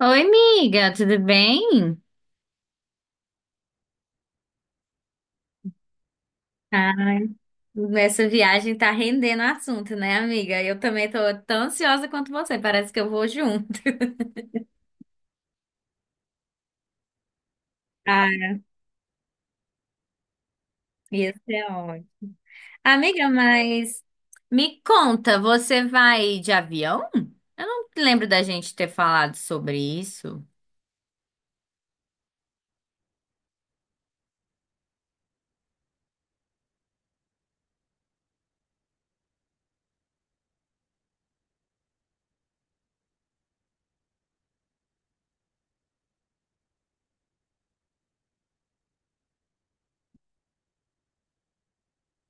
Oi, amiga, tudo bem? Ah, essa viagem tá rendendo assunto, né, amiga? Eu também tô tão ansiosa quanto você, parece que eu vou junto. Ah, isso é ótimo. Amiga, mas me conta, você vai de avião? Eu não lembro da gente ter falado sobre isso.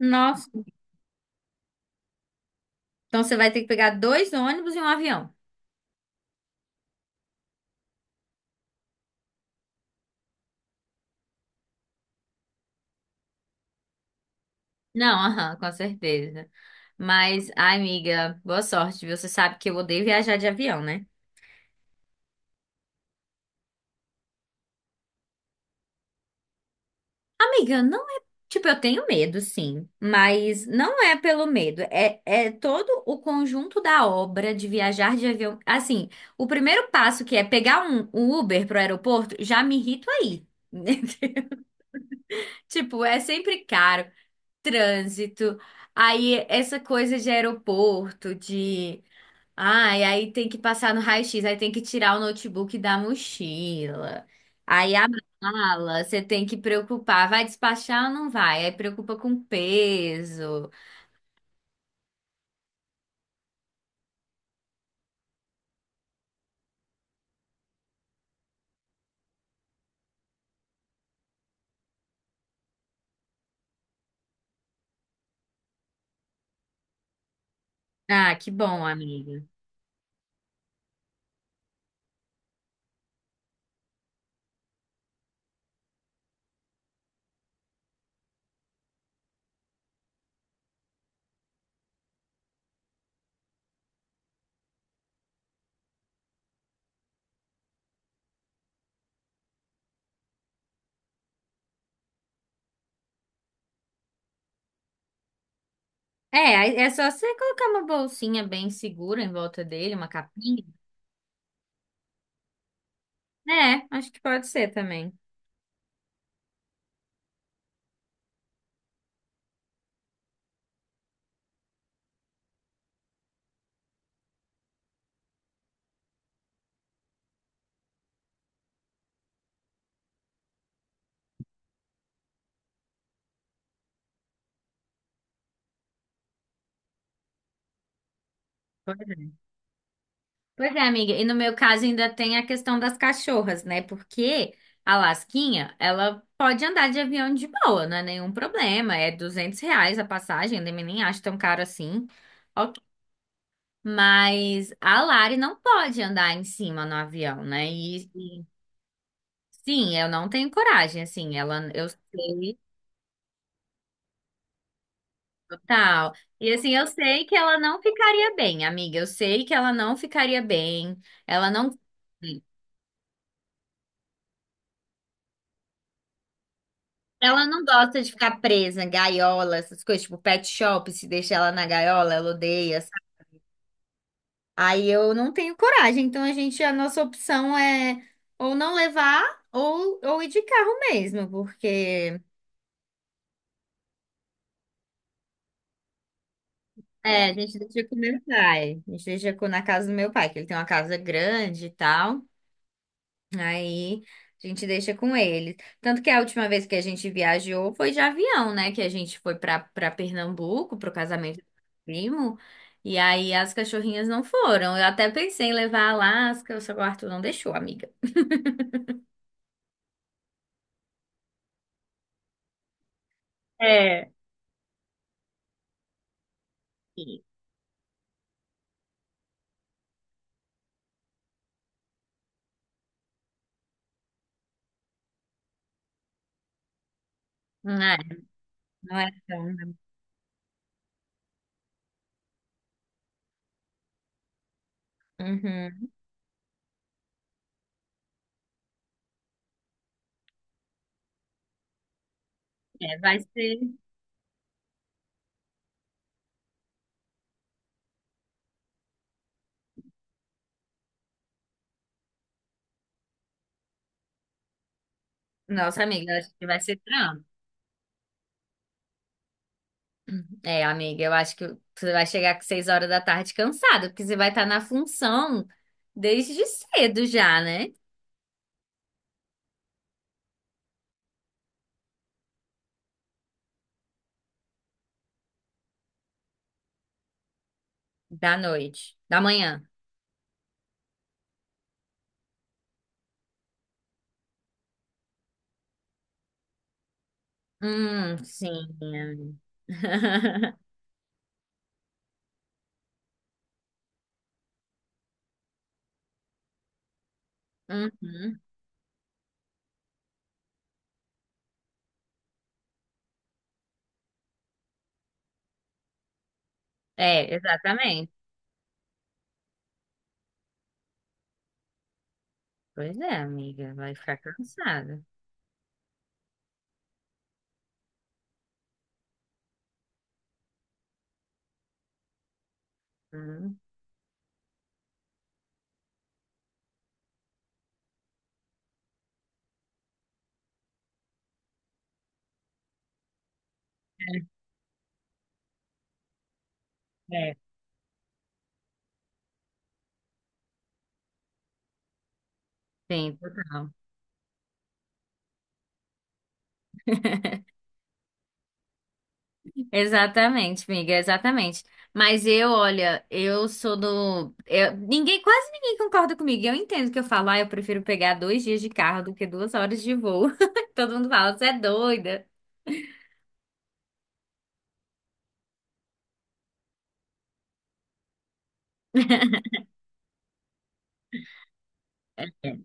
Nossa, então você vai ter que pegar dois ônibus e um avião. Não, aham, com certeza. Mas, ai, amiga, boa sorte, viu? Você sabe que eu odeio viajar de avião, né? Amiga, não é. Tipo, eu tenho medo, sim, mas não é pelo medo, é todo o conjunto da obra de viajar de avião. Assim, o primeiro passo que é pegar um Uber pro aeroporto, já me irrito aí. Tipo, é sempre caro, trânsito, aí essa coisa de aeroporto, de ah, e aí tem que passar no raio-x, aí tem que tirar o notebook da mochila. Aí a mala, você tem que preocupar, vai despachar ou não vai? Aí preocupa com peso. Ah, que bom, amiga. É, aí é só você colocar uma bolsinha bem segura em volta dele, uma capinha. É, acho que pode ser também. Pois é, amiga. E no meu caso ainda tem a questão das cachorras, né? Porque a Lasquinha, ela pode andar de avião de boa, não é nenhum problema. É R$ 200 a passagem, eu nem acho tão caro assim. Ok. Mas a Lari não pode andar em cima no avião, né? Sim, eu não tenho coragem, assim. Ela, eu sei, total. E assim, eu sei que ela não ficaria bem, amiga. Eu sei que ela não ficaria bem. Ela não. Ela não gosta de ficar presa, gaiola, essas coisas, tipo pet shop, se deixa ela na gaiola, ela odeia, sabe? Aí eu não tenho coragem, então a gente, a nossa opção é ou não levar ou ir de carro mesmo, porque é, a gente deixa com meu pai, a gente deixa na casa do meu pai, que ele tem uma casa grande e tal. Aí a gente deixa com eles. Tanto que a última vez que a gente viajou foi de avião, né? Que a gente foi para Pernambuco pro casamento do meu primo. E aí as cachorrinhas não foram. Eu até pensei em levar a Alaska, só que o Arthur não deixou, amiga. É. E- Não é, não é tão, né? Uhum. É, vai ser. Nossa, amiga, eu acho que vai ser trampo. É, amiga, eu acho que você vai chegar com 6 horas da tarde cansada, porque você vai estar na função desde cedo já, né? Da noite. Da manhã. Sim. Uhum. É, exatamente. Pois é, amiga, vai ficar cansada. Hum. É, é. Sim, total. Exatamente, amiga, exatamente. Mas eu, olha, eu sou do. Eu- ninguém, quase ninguém concorda comigo. Eu entendo que eu falo, ah, eu prefiro pegar 2 dias de carro do que 2 horas de voo. Todo mundo fala, você é doida. É.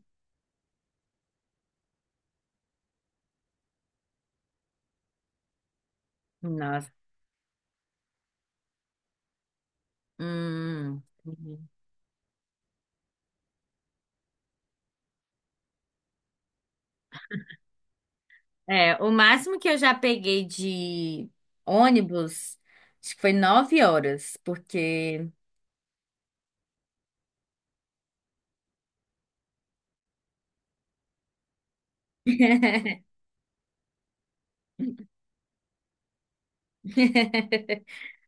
Nossa. Hum. É, o máximo que eu já peguei de ônibus, acho que foi 9 horas, porque.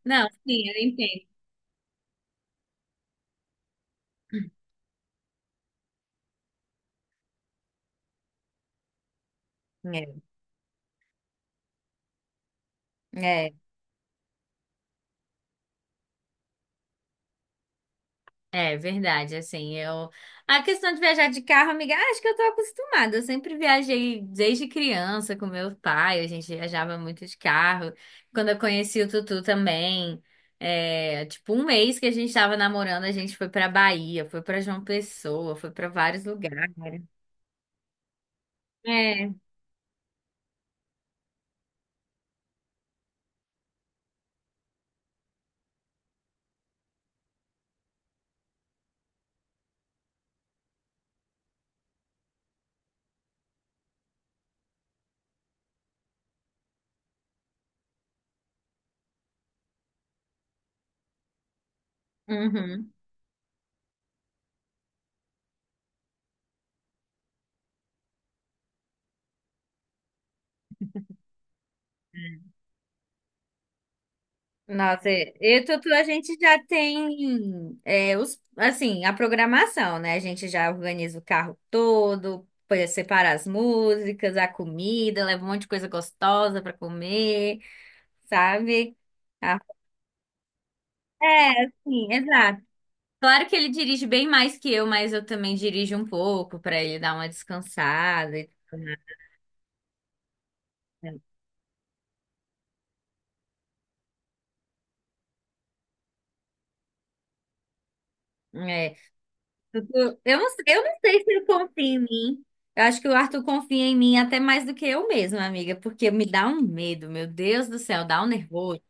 Não, sim, eu entendo. É, é. É verdade, assim, eu... A questão de viajar de carro, amiga, acho que eu tô acostumada. Eu sempre viajei desde criança com meu pai, a gente viajava muito de carro. Quando eu conheci o Tutu também, é, tipo, um mês que a gente tava namorando, a gente foi pra Bahia, foi pra João Pessoa, foi pra vários lugares. É, uhum. Nossa, e Tutu, a gente já tem é, os, assim, a programação, né? A gente já organiza o carro todo, põe- separa as músicas, a comida, leva um monte de coisa gostosa para comer, sabe? Ah, é, sim, exato. Claro que ele dirige bem mais que eu, mas eu também dirijo um pouco para ele dar uma descansada e tudo mais, né? É. Eu não sei se ele confia em mim. Eu acho que o Arthur confia em mim até mais do que eu mesma, amiga, porque me dá um medo, meu Deus do céu, dá um nervoso.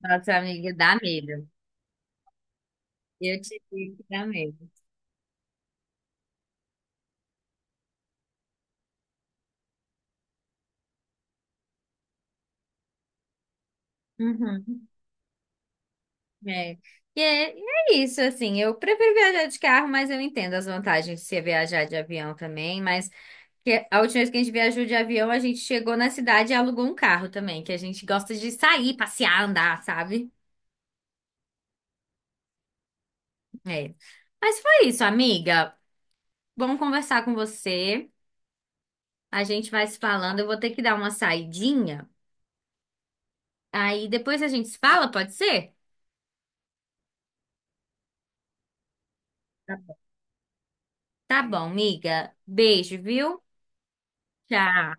Nossa, amiga, dá medo. Eu te digo que dá medo. Uhum. É. E é, e é isso, assim, eu prefiro viajar de carro, mas eu entendo as vantagens de você viajar de avião também, mas que a última vez que a gente viajou de avião, a gente chegou na cidade e alugou um carro também, que a gente gosta de sair, passear, andar, sabe? É. Mas foi isso, amiga. Vamos conversar com você. A gente vai se falando. Eu vou ter que dar uma saidinha. Aí depois a gente se fala, pode ser? Tá bom, amiga. Beijo, viu? Tchau.